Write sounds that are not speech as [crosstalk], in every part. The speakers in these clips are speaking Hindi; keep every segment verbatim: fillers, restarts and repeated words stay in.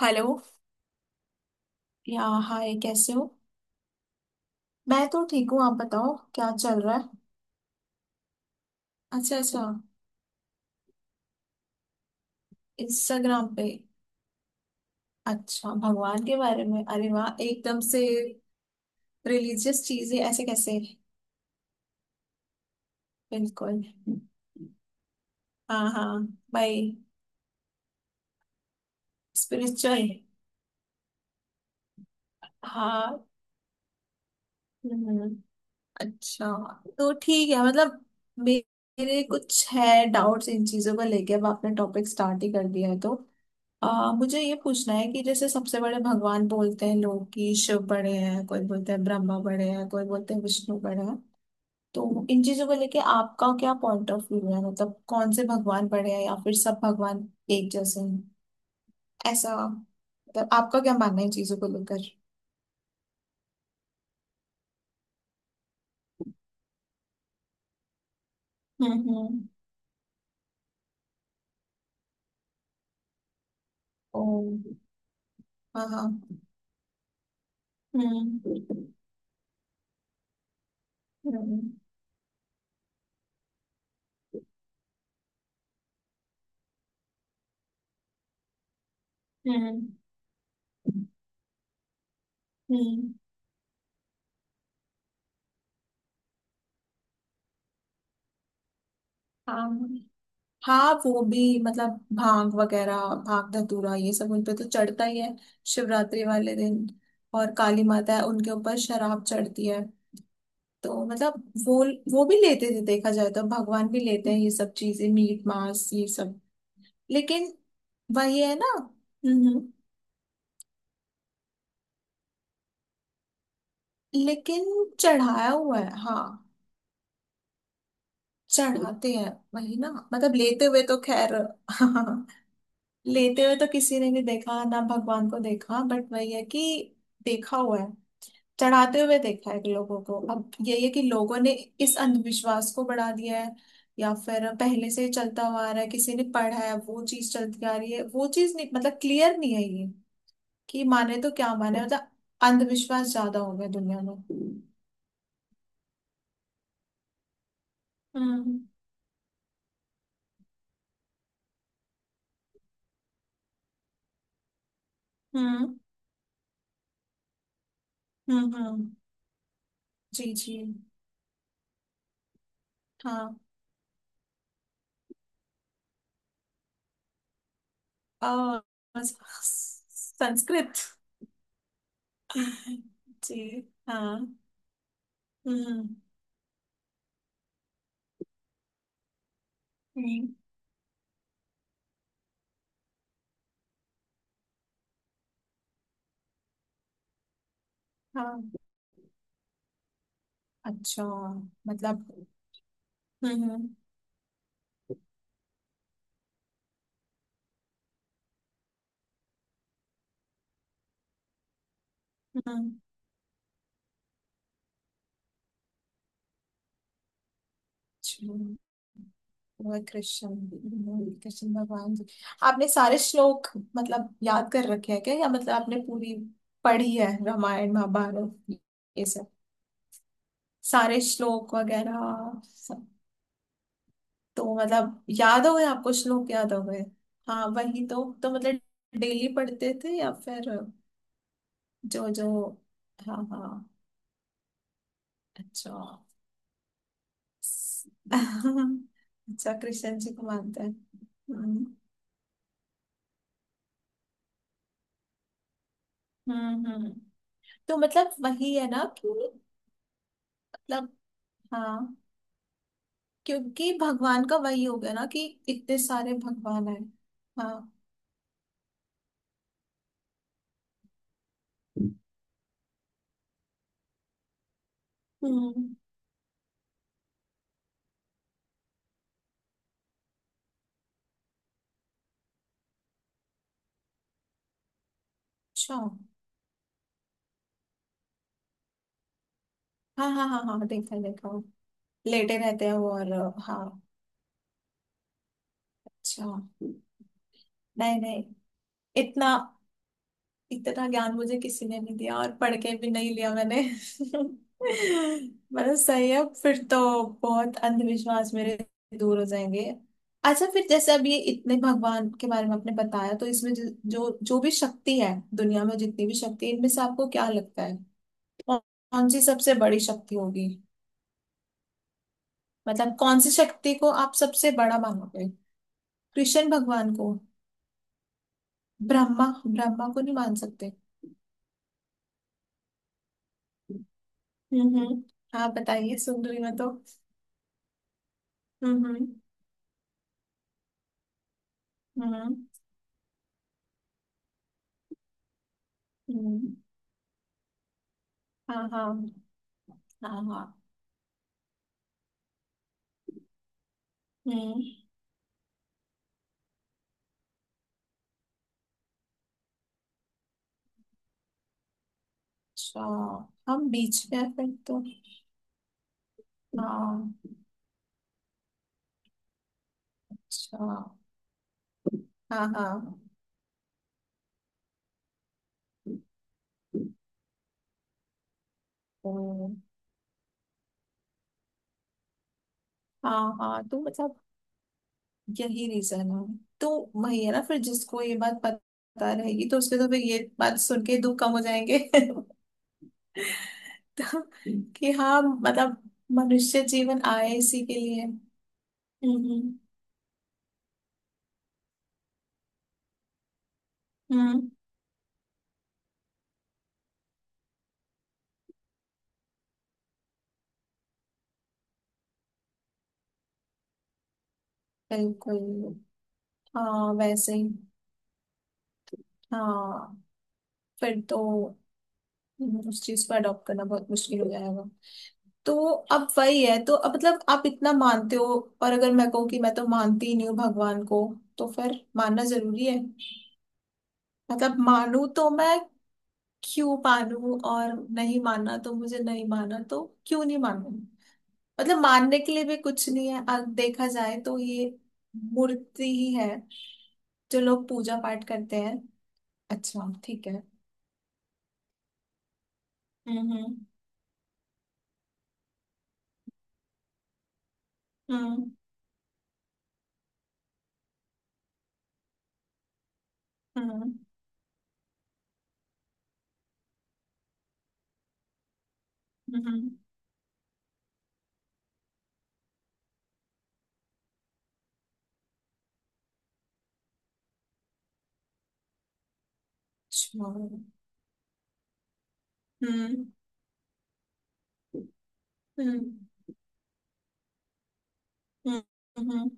हेलो। या हाय, कैसे हो। मैं तो ठीक हूँ, आप बताओ क्या चल रहा है। अच्छा अच्छा। इंस्टाग्राम पे। अच्छा भगवान के बारे में, अरे वाह एकदम से। रिलीजियस चीजें ऐसे कैसे। बिल्कुल। हाँ हाँ। भाई स्पिरिचुअल। हाँ। हम्म, अच्छा। तो ठीक है मतलब मे- मेरे कुछ है डाउट्स इन चीजों को लेके, अब आपने टॉपिक स्टार्ट ही कर दिया है तो आ, मुझे ये पूछना है कि जैसे सबसे बड़े भगवान बोलते हैं लोग कि शिव बड़े हैं, कोई बोलते हैं ब्रह्मा बड़े हैं, कोई बोलते हैं विष्णु बड़े हैं। तो इन चीजों को लेके आपका क्या पॉइंट ऑफ व्यू है, मतलब कौन से भगवान बड़े हैं या फिर सब भगवान एक जैसे हैं। ऐसा मतलब आपका क्या मानना है इन चीजों को लेकर। हम्म। हम्म। ओ। हाँ हाँ। हम्म। हम्म। हम्म। हम्म। हाँ हाँ वो भी मतलब भांग वगैरह। भांग धतूरा ये सब उन पे तो चढ़ता ही है, शिवरात्रि वाले दिन। और काली माता है, उनके ऊपर शराब चढ़ती है। तो मतलब वो वो भी लेते थे, देखा जाए तो भगवान भी लेते हैं ये सब चीजें, मीट मांस ये सब। लेकिन वही है ना। हम्म। हम्म, लेकिन चढ़ाया हुआ है, हाँ। चढ़ाते हैं वही ना मतलब, लेते हुए तो खैर [laughs] लेते हुए तो किसी ने नहीं देखा ना, भगवान को देखा बट वही है कि देखा हुआ है, चढ़ाते हुए देखा है कि लोगों को। अब यही है कि लोगों ने इस अंधविश्वास को बढ़ा दिया है, या फिर पहले से ही चलता हुआ आ रहा है, किसी ने पढ़ा है वो चीज चलती आ रही है, वो चीज नहीं मतलब क्लियर नहीं है, ये कि माने तो क्या माने मतलब। अंधविश्वास ज्यादा हो गया दुनिया में। हम्म। हम्म। हम्म। हम्म। जी जी। हाँ और संस्कृत। [laughs] जी हाँ। हम्म। हम्म। हाँ। अच्छा मतलब। हम्म। अच्छा, वह कृष्ण। कृष्ण भगवान जी। आपने सारे श्लोक मतलब याद कर रखे हैं क्या, या मतलब आपने पूरी पढ़ी है रामायण महाभारत ये सब, सारे श्लोक वगैरह सब। तो मतलब याद हो गए आपको, श्लोक याद हो गए। हाँ वही तो। तो मतलब डेली पढ़ते थे या फिर जो जो। हाँ हाँ। अच्छा। [laughs] अच्छा, कृष्ण जी को मानते हैं। हम्म। हम्म। हम्म। तो मतलब वही है ना कि मतलब। हाँ, क्योंकि भगवान का वही हो गया ना कि इतने सारे भगवान है। हाँ। हम्म। अच्छा। हाँ हाँ हाँ हाँ, देखा देखा। लेटे रहते हैं वो और। हाँ। अच्छा। नहीं नहीं। इतना इतना ज्ञान मुझे किसी ने नहीं दिया, और पढ़ के भी नहीं लिया मैंने। [laughs] मतलब सही है फिर तो, बहुत अंधविश्वास मेरे दूर हो जाएंगे। अच्छा फिर जैसे अब ये इतने भगवान के बारे में आपने बताया, तो इसमें जो जो जो भी शक्ति है, दुनिया में जितनी भी शक्ति है इनमें से आपको क्या लगता है, कौन कौन सी सबसे बड़ी शक्ति होगी, मतलब कौन सी शक्ति को आप सबसे बड़ा मानोगे। कृष्ण भगवान को। ब्रह्मा ब्रह्मा को नहीं मान सकते। हम्म। हम्म। हाँ बताइए, सुन रही मैं तो। हम्म। हम्म। हम्म। हम्म, हाँ हाँ। हाँ हाँ। हम्म। अच्छा। हम बीच में हैं फिर तो। हाँ। अच्छा। हाँ हाँ। ओ, हाँ हाँ। तो मतलब यही रीजन है। तो वही है ना, फिर जिसको ये बात पता रहेगी तो उसके तो फिर ये बात सुन के दुख कम हो जाएंगे [laughs] तो कि हाँ मतलब, मनुष्य जीवन आए इसी के लिए। हम्म। हम्म। हम्म, बिल्कुल। हाँ वैसे ही। हाँ फिर तो। हम्म, उस चीज को अडॉप्ट करना बहुत मुश्किल हो जाएगा। तो अब वही है, तो अब मतलब आप इतना मानते हो, और अगर मैं कहूँ कि मैं तो मानती ही नहीं हूँ भगवान को, तो फिर मानना जरूरी है। मतलब मानू तो मैं क्यों मानू, और नहीं मानना तो मुझे, नहीं मानना तो क्यों नहीं मानू। मतलब मानने के लिए भी कुछ नहीं है अगर देखा जाए, तो ये मूर्ति ही है जो लोग पूजा पाठ करते हैं। अच्छा ठीक है। हम्म। हम्म। हम्म। हम्म। हम्म। अच्छा। हम्म। हम्म। हम्म। हम्म।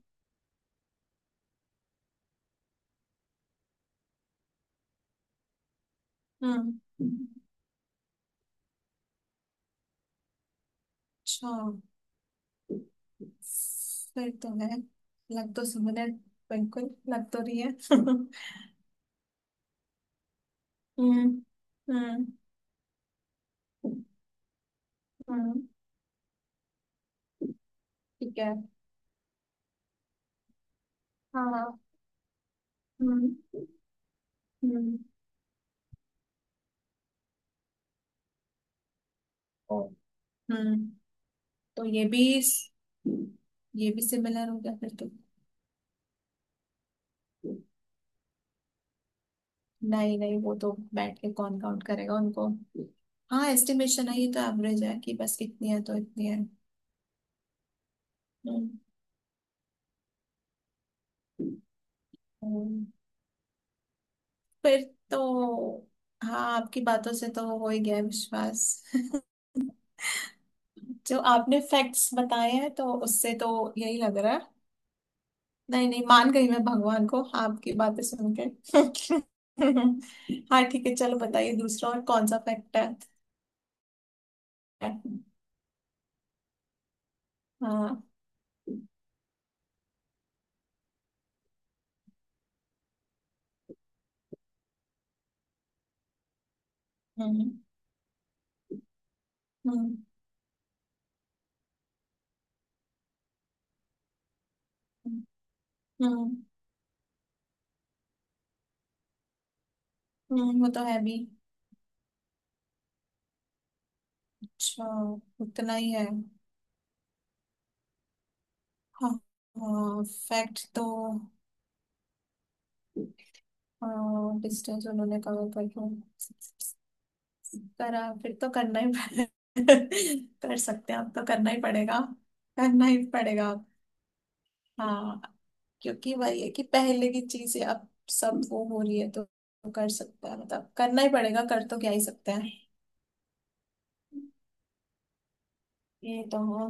हम्म, अच्छा फिर तो है। लग तो सिमिलर, बिल्कुल लग तो रही है [laughs] हम्म। हम्म। हम्म। ठीक है। हाँ हाँ। हम्म। हम्म। ओ, हम्म। तो ये भी ये भी सिमिलर हो गया फिर तो। नहीं नहीं, वो तो बैठ के कौन काउंट करेगा उनको। हाँ एस्टिमेशन है, ये तो एवरेज है कि बस इतनी है तो इतनी है। हम्म। फिर तो। हाँ, आपकी बातों से तो हो ही गया है विश्वास। [laughs] जो आपने फैक्ट्स बताए हैं तो उससे तो यही लग रहा है। नहीं नहीं, मान गई मैं भगवान को, हाँ, आपकी बातें सुन के। [laughs] हाँ ठीक है, चलो बताइए दूसरा और कौन सा फैक्ट है। हाँ। हम्म। हम्म। हम्म। हम्म। हम्म, वो तो है भी। अच्छा। उतना ही है। हाँ। हाँ फैक्ट तो। डिस्टेंस उन्होंने कवर कर दिया। करा फिर तो करना ही पड़े- [laughs] कर सकते हैं, अब तो करना ही पड़ेगा। करना ही पड़ेगा अब, हाँ। क्योंकि वही है कि पहले की चीजें अब सब वो हो रही है, तो कर सकता है मतलब करना ही पड़ेगा, कर तो क्या ही सकते हैं। ये तो हो।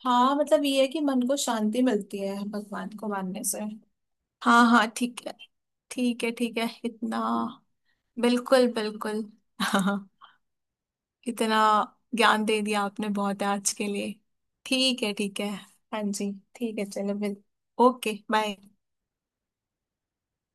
हाँ मतलब ये है कि मन को शांति मिलती है भगवान को मानने से। हाँ हाँ ठीक है। ठीक है ठीक है इतना। बिल्कुल बिल्कुल [laughs] इतना ज्ञान दे दिया आपने, बहुत है आज के लिए। ठीक है ठीक है। हाँ जी ठीक है, चलो बिल। Okay bye.